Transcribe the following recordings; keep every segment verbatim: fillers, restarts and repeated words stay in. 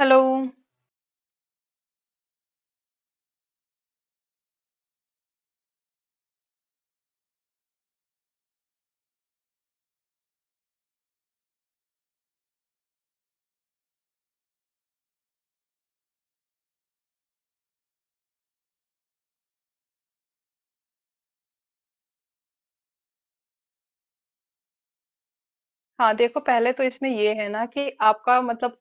Hello. हाँ देखो, पहले तो इसमें ये है ना कि आपका मतलब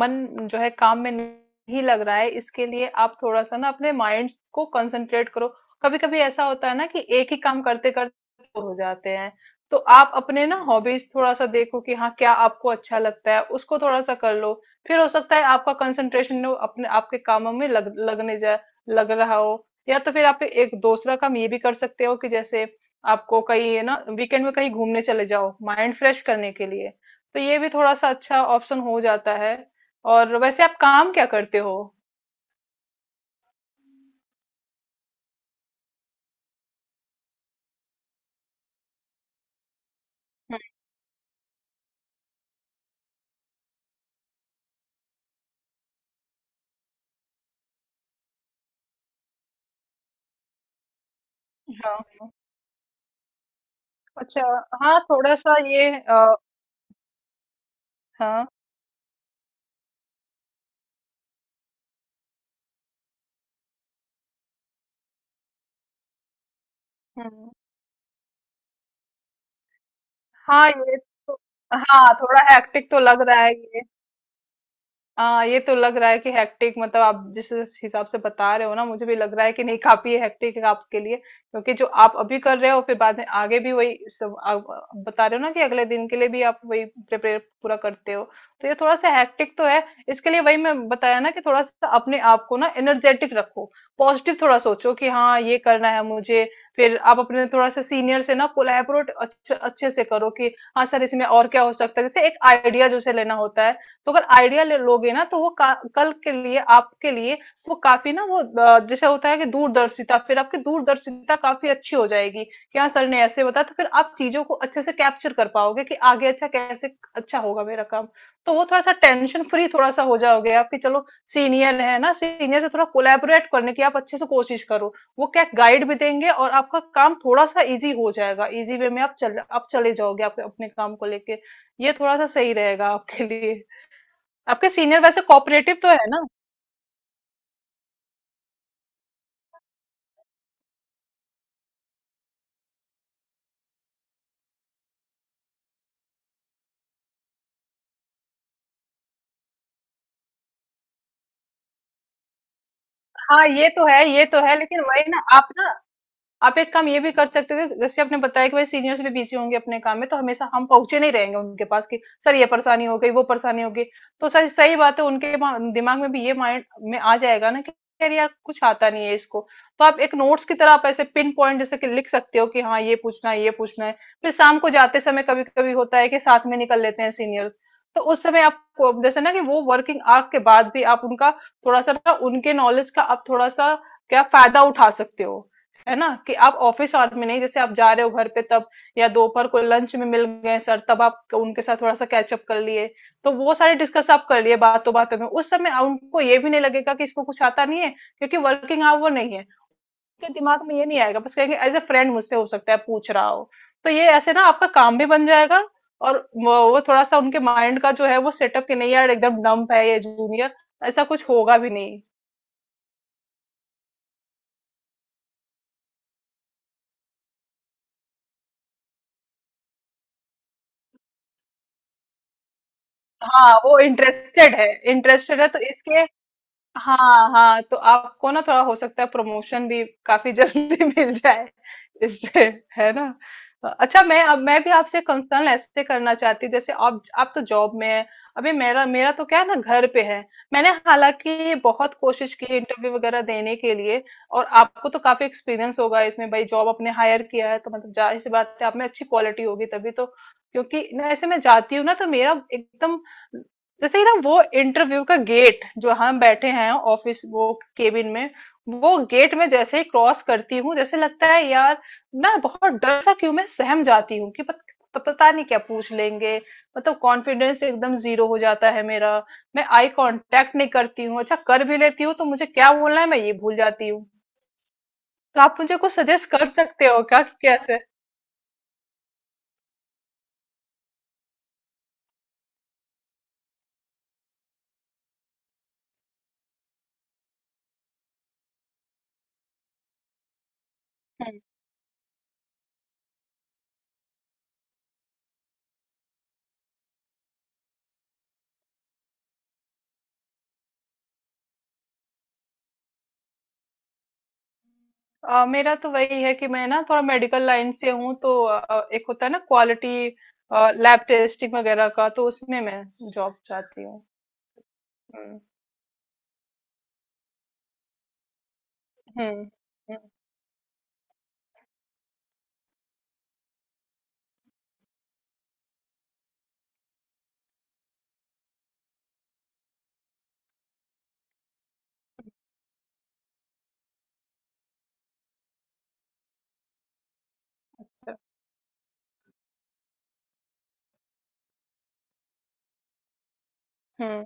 मन जो है काम में नहीं लग रहा है। इसके लिए आप थोड़ा-सा ना अपने माइंड को कंसंट्रेट करो। कभी-कभी ऐसा होता है ना कि एक ही काम करते-करते बोर हो जाते हैं। तो आप अपने ना हॉबीज थोड़ा-सा देखो कि हाँ, क्या आपको अच्छा लगता है उसको थोड़ा-सा कर लो। फिर हो सकता है आपका कंसंट्रेशन वो अपने आपके कामों में लग लगने जा लग रहा हो। या तो फिर आप एक दूसरा काम ये भी कर सकते हो कि जैसे आपको कहीं है ना वीकेंड में कहीं घूमने चले जाओ माइंड फ्रेश करने के लिए। तो ये भी थोड़ा-सा अच्छा ऑप्शन हो जाता है। और वैसे आप काम क्या करते हो? हम्म। हाँ हाँ। अच्छा। हाँ थोड़ा सा ये अ, हाँ। हम्म। हाँ ये तो, हाँ थोड़ा हैक्टिक तो लग रहा है। हाँ ये तो लग रहा है कि हेक्टिक, मतलब आप जिस हिसाब से बता रहे हो ना मुझे भी लग रहा है कि नहीं काफी हेक्टिक है आपके लिए, क्योंकि जो आप अभी कर रहे हो फिर बाद में आगे भी वही सब आप आप बता रहे हो ना कि अगले दिन के लिए भी आप वही प्रिपेयर पूरा करते हो। तो ये थोड़ा सा हेक्टिक तो है। इसके लिए वही मैं बताया ना कि थोड़ा सा अपने आप को ना एनर्जेटिक रखो। पॉजिटिव थोड़ा सोचो कि हाँ ये करना है मुझे। फिर आप अपने थोड़ा सा सीनियर से ना कोलैबोरेट अच्छे अच्छे से करो कि हाँ सर इसमें और क्या हो सकता है, जैसे एक आइडिया जैसे लेना होता है। तो अगर आइडिया ले लोगे ना तो वो का- कल के लिए आपके लिए वो काफी ना वो अ, जैसे होता है कि दूरदर्शिता, फिर आपकी दूरदर्शिता काफी अच्छी हो जाएगी कि हाँ सर ने ऐसे बताया। तो फिर आप चीजों को अच्छे से कैप्चर कर पाओगे कि आगे अच्छा कैसे अच्छा होगा मेरा काम। तो वो थोड़ा सा टेंशन फ्री थोड़ा सा हो जाओगे आप कि चलो सीनियर है ना, सीनियर से थोड़ा कोलैबोरेट करने की आप अच्छे से कोशिश करो। वो क्या गाइड भी देंगे और आपका काम थोड़ा सा इजी हो जाएगा, इजी वे में आप चल आप चले जाओगे आप अपने काम को लेके। ये थोड़ा सा सही रहेगा आपके लिए। आपके सीनियर वैसे कोऑपरेटिव तो है ना? हाँ ये तो है, ये तो है, लेकिन वही ना आप ना आप एक काम ये भी कर सकते थे जैसे आपने बताया कि भाई सीनियर्स भी बिजी होंगे अपने काम में, तो हमेशा हम पहुंचे नहीं रहेंगे उनके पास कि सर ये परेशानी हो गई वो परेशानी हो गई। तो सर सही बात है, उनके मा- दिमाग में भी ये माइंड में आ जाएगा ना कि यार यार कुछ आता नहीं है इसको। तो आप एक नोट्स की तरह आप ऐसे पिन पॉइंट जैसे कि लिख सकते हो कि हाँ ये पूछना है, ये पूछना है। फिर शाम को जाते समय कभी कभी होता है कि साथ में निकल लेते हैं सीनियर्स। तो उस समय आप को- जैसे ना कि वो वर्किंग आवर के बाद भी आप उनका थोड़ा सा ना उनके नॉलेज का आप थोड़ा सा क्या फायदा उठा सकते हो। है ना कि आप ऑफिस आवर में नहीं जैसे आप जा रहे हो घर पे तब या दोपहर को लंच में मिल गए सर तब आप उनके साथ थोड़ा सा कैचअप कर लिए। तो वो सारे डिस्कस आप कर लिए बातों बातों में उस समय उनको ये भी नहीं लगेगा कि इसको कुछ आता नहीं है, क्योंकि वर्किंग आवर नहीं है। उनके दिमाग में ये नहीं आएगा, बस कहेंगे एज ए फ्रेंड मुझसे हो सकता है पूछ रहा हो। तो ये ऐसे ना आपका काम भी बन जाएगा। और वो वो थोड़ा सा उनके माइंड का जो है वो सेटअप कि नहीं यार एकदम डम्प है ये जूनियर, ऐसा कुछ होगा भी नहीं। हाँ वो इंटरेस्टेड है, इंटरेस्टेड है तो इसके। हाँ हाँ, तो आपको ना थोड़ा हो सकता है प्रमोशन भी काफी जल्दी मिल जाए इससे, है ना। अच्छा मैं अब मैं भी आपसे कंसर्न ऐसे करना चाहती हूँ, जैसे आप आप तो जॉब में है, अभी मेरा मेरा तो क्या है ना घर पे है। मैंने हालांकि बहुत कोशिश की इंटरव्यू वगैरह देने के लिए। और आपको तो काफी एक्सपीरियंस होगा इसमें, भाई जॉब आपने हायर किया है तो मतलब जाहिर सी बात है आप में अच्छी क्वालिटी होगी तभी तो। क्योंकि ना ऐसे मैं जाती हूँ ना तो मेरा एकदम जैसे ही ना वो इंटरव्यू का गेट जो हम बैठे हैं ऑफिस वो केबिन में, वो गेट में जैसे ही क्रॉस करती हूँ जैसे लगता है यार ना बहुत डर सा क्यों मैं सहम जाती हूँ कि पत, प- पता नहीं क्या पूछ लेंगे। मतलब कॉन्फिडेंस एकदम जीरो हो जाता है मेरा। मैं आई कांटेक्ट नहीं करती हूँ, अच्छा कर भी लेती हूँ तो मुझे क्या बोलना है मैं ये भूल जाती हूँ। तो आप मुझे कुछ सजेस्ट कर सकते हो क्या कि कैसे? अ, मेरा तो वही है कि मैं ना थोड़ा मेडिकल लाइन से हूँ तो अ, एक होता है ना क्वालिटी लैब टेस्टिंग वगैरह का, तो उसमें मैं जॉब चाहती हूँ। हम्म। हम्म। हम्म।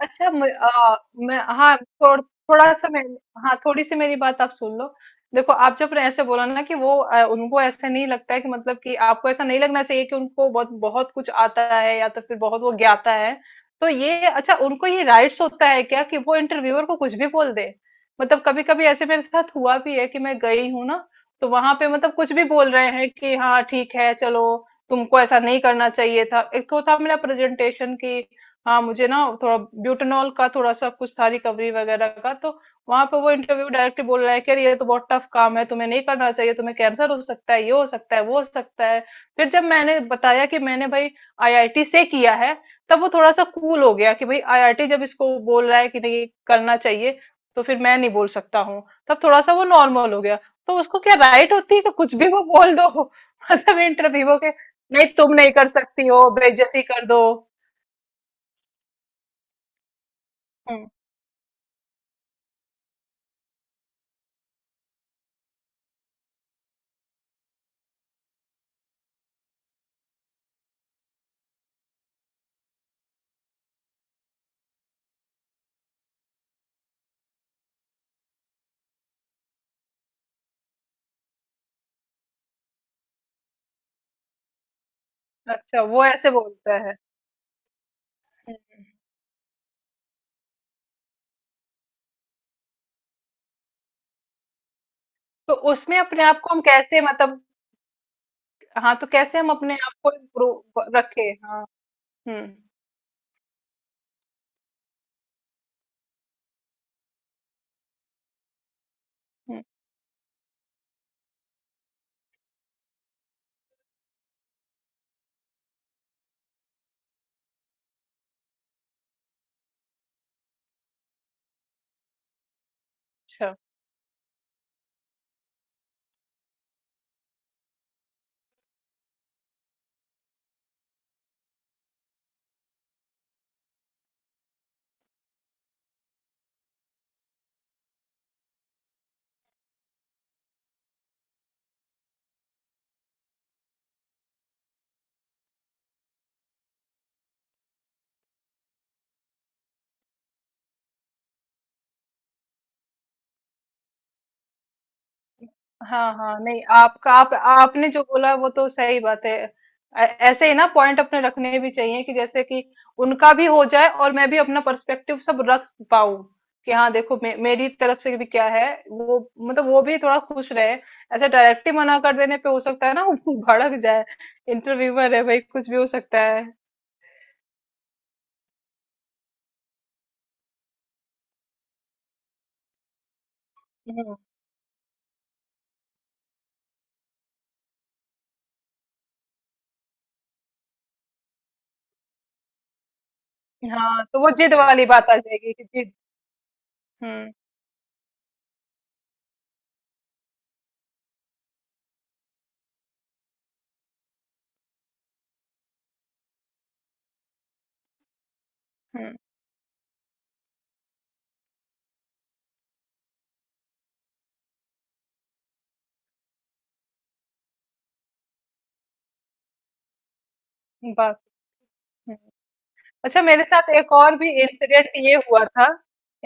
अच्छा मैं, आ, मैं हाँ थोड़, थोड़ा सा मैं, हाँ थोड़ी सी मेरी बात आप सुन लो। देखो आप जब ने ऐसे बोला ना कि वो आ, उनको ऐसे नहीं लगता है कि मतलब कि आपको ऐसा नहीं लगना चाहिए कि उनको बहुत बहुत कुछ आता है या तो फिर बहुत वो ज्ञाता है। तो ये अच्छा उनको ये राइट्स होता है क्या कि वो इंटरव्यूअर को कुछ भी बोल दे? मतलब कभी कभी ऐसे मेरे साथ हुआ भी है कि मैं गई हूँ ना तो वहां पे मतलब कुछ भी बोल रहे हैं कि हाँ ठीक है चलो तुमको ऐसा नहीं करना चाहिए था। एक तो था मेरा प्रेजेंटेशन की हाँ मुझे ना थोड़ा ब्यूटेनॉल का थोड़ा सा कुछ था रिकवरी वगैरह का, तो वहां पे वो इंटरव्यू डायरेक्टली बोल रहा है कि अरे ये तो बहुत टफ काम है, तुम्हें नहीं करना चाहिए, तुम्हें कैंसर हो सकता है, ये हो सकता है, वो हो सकता है। फिर जब मैंने बताया कि मैंने भाई आई आई टी से किया है, तब वो थोड़ा सा कूल हो गया कि भाई आई आई टी जब इसको बोल रहा है कि नहीं करना चाहिए तो फिर मैं नहीं बोल सकता हूँ। तब थोड़ा सा वो नॉर्मल हो गया। तो उसको क्या राइट होती है कि कुछ भी वो बोल दो मतलब इंटरव्यू के नहीं तुम नहीं कर सकती हो बेइज्जती कर दो। हम्म। अच्छा वो ऐसे बोलता है। तो उसमें अपने आप को हम कैसे मतलब, हाँ तो कैसे हम अपने आप को इम्प्रूव रखे, हाँ। हम्म। हम्म। अच्छा। हाँ हाँ, नहीं आपका आप आपने जो बोला वो तो सही बात है। ऐ- ऐसे ही ना पॉइंट अपने रखने भी चाहिए कि जैसे कि उनका भी हो जाए और मैं भी अपना पर्सपेक्टिव सब रख पाऊं कि हाँ देखो मे, मेरी तरफ से भी क्या है वो मतलब वो भी थोड़ा खुश रहे। ऐसे डायरेक्टली मना कर देने पे हो सकता है ना वो भड़क जाए, इंटरव्यूअर है भाई कुछ भी हो सकता है। हाँ तो वो जिद वाली बात आ जाएगी कि जिद। हम्म। हम्म। बात। हम्म। अच्छा मेरे साथ एक और भी इंसिडेंट ये हुआ था,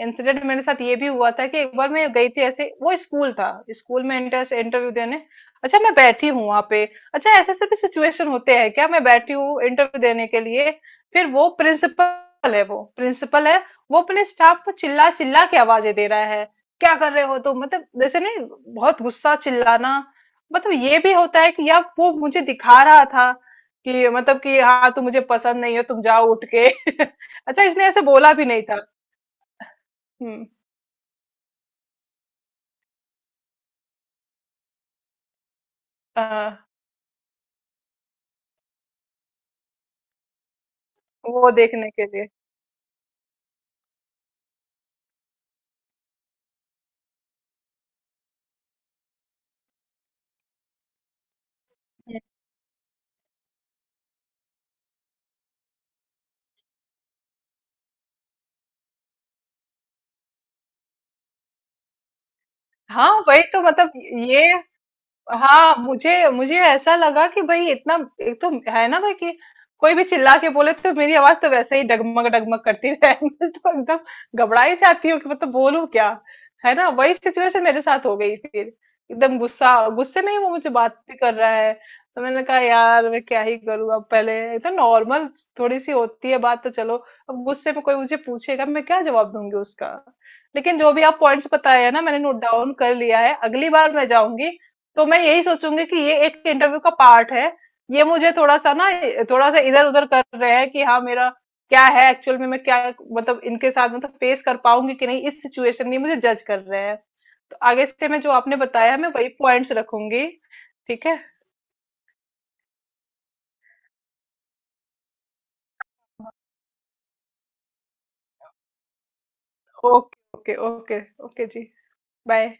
इंसिडेंट मेरे साथ ये भी हुआ था कि एक बार मैं गई थी ऐसे वो स्कूल था, स्कूल में इंटर इंटरव्यू देने। अच्छा मैं बैठी हूँ वहां पे, अच्छा ऐसे ऐसे भी सिचुएशन होते हैं क्या? मैं बैठी हूँ इंटरव्यू देने के लिए। फिर वो प्रिंसिपल है वो प्रिंसिपल है वो अपने स्टाफ को चिल्ला चिल्ला के आवाजें दे रहा है, क्या कर रहे हो तुम मतलब जैसे नहीं, बहुत गुस्सा चिल्लाना। मतलब ये भी होता है कि यार वो मुझे दिखा रहा था कि मतलब कि हाँ तुम मुझे पसंद नहीं हो तुम जाओ उठ के अच्छा इसने ऐसे बोला भी नहीं था। हम्म। हाँ, वो देखने के लिए। हम्म। हाँ वही तो मतलब ये, हाँ मुझे मुझे ऐसा लगा कि भाई इतना, एक तो है ना भाई कि कोई भी चिल्ला के बोले तो मेरी आवाज तो वैसे ही डगमग डगमग करती है मैं तो एकदम घबरा ही जाती हूँ कि मतलब बोलूं क्या। है ना, वही सिचुएशन मेरे साथ हो गई फिर। एकदम गुस्सा गुस्से में ही वो मुझे बात भी कर रहा है। तो मैंने कहा यार मैं क्या ही करूँ, अब पहले एकदम नॉर्मल थोड़ी सी होती है बात तो चलो, अब गुस्से में कोई मुझे पूछेगा मैं क्या जवाब दूंगी उसका। लेकिन जो भी आप पॉइंट्स बताए हैं ना मैंने नोट डाउन कर लिया है, अगली बार मैं जाऊंगी तो मैं यही सोचूंगी कि ये एक इंटरव्यू का पार्ट है। ये मुझे थोड़ा सा ना थोड़ा सा इधर उधर कर रहे हैं कि हाँ मेरा क्या है एक्चुअल में मैं क्या मतलब इनके साथ मतलब फेस कर पाऊंगी कि नहीं, इस सिचुएशन में मुझे जज कर रहे हैं। तो आगे से मैं जो आपने बताया मैं वही पॉइंट्स रखूंगी। ठीक है। ओके। Okay okay. ओके जी। बाय।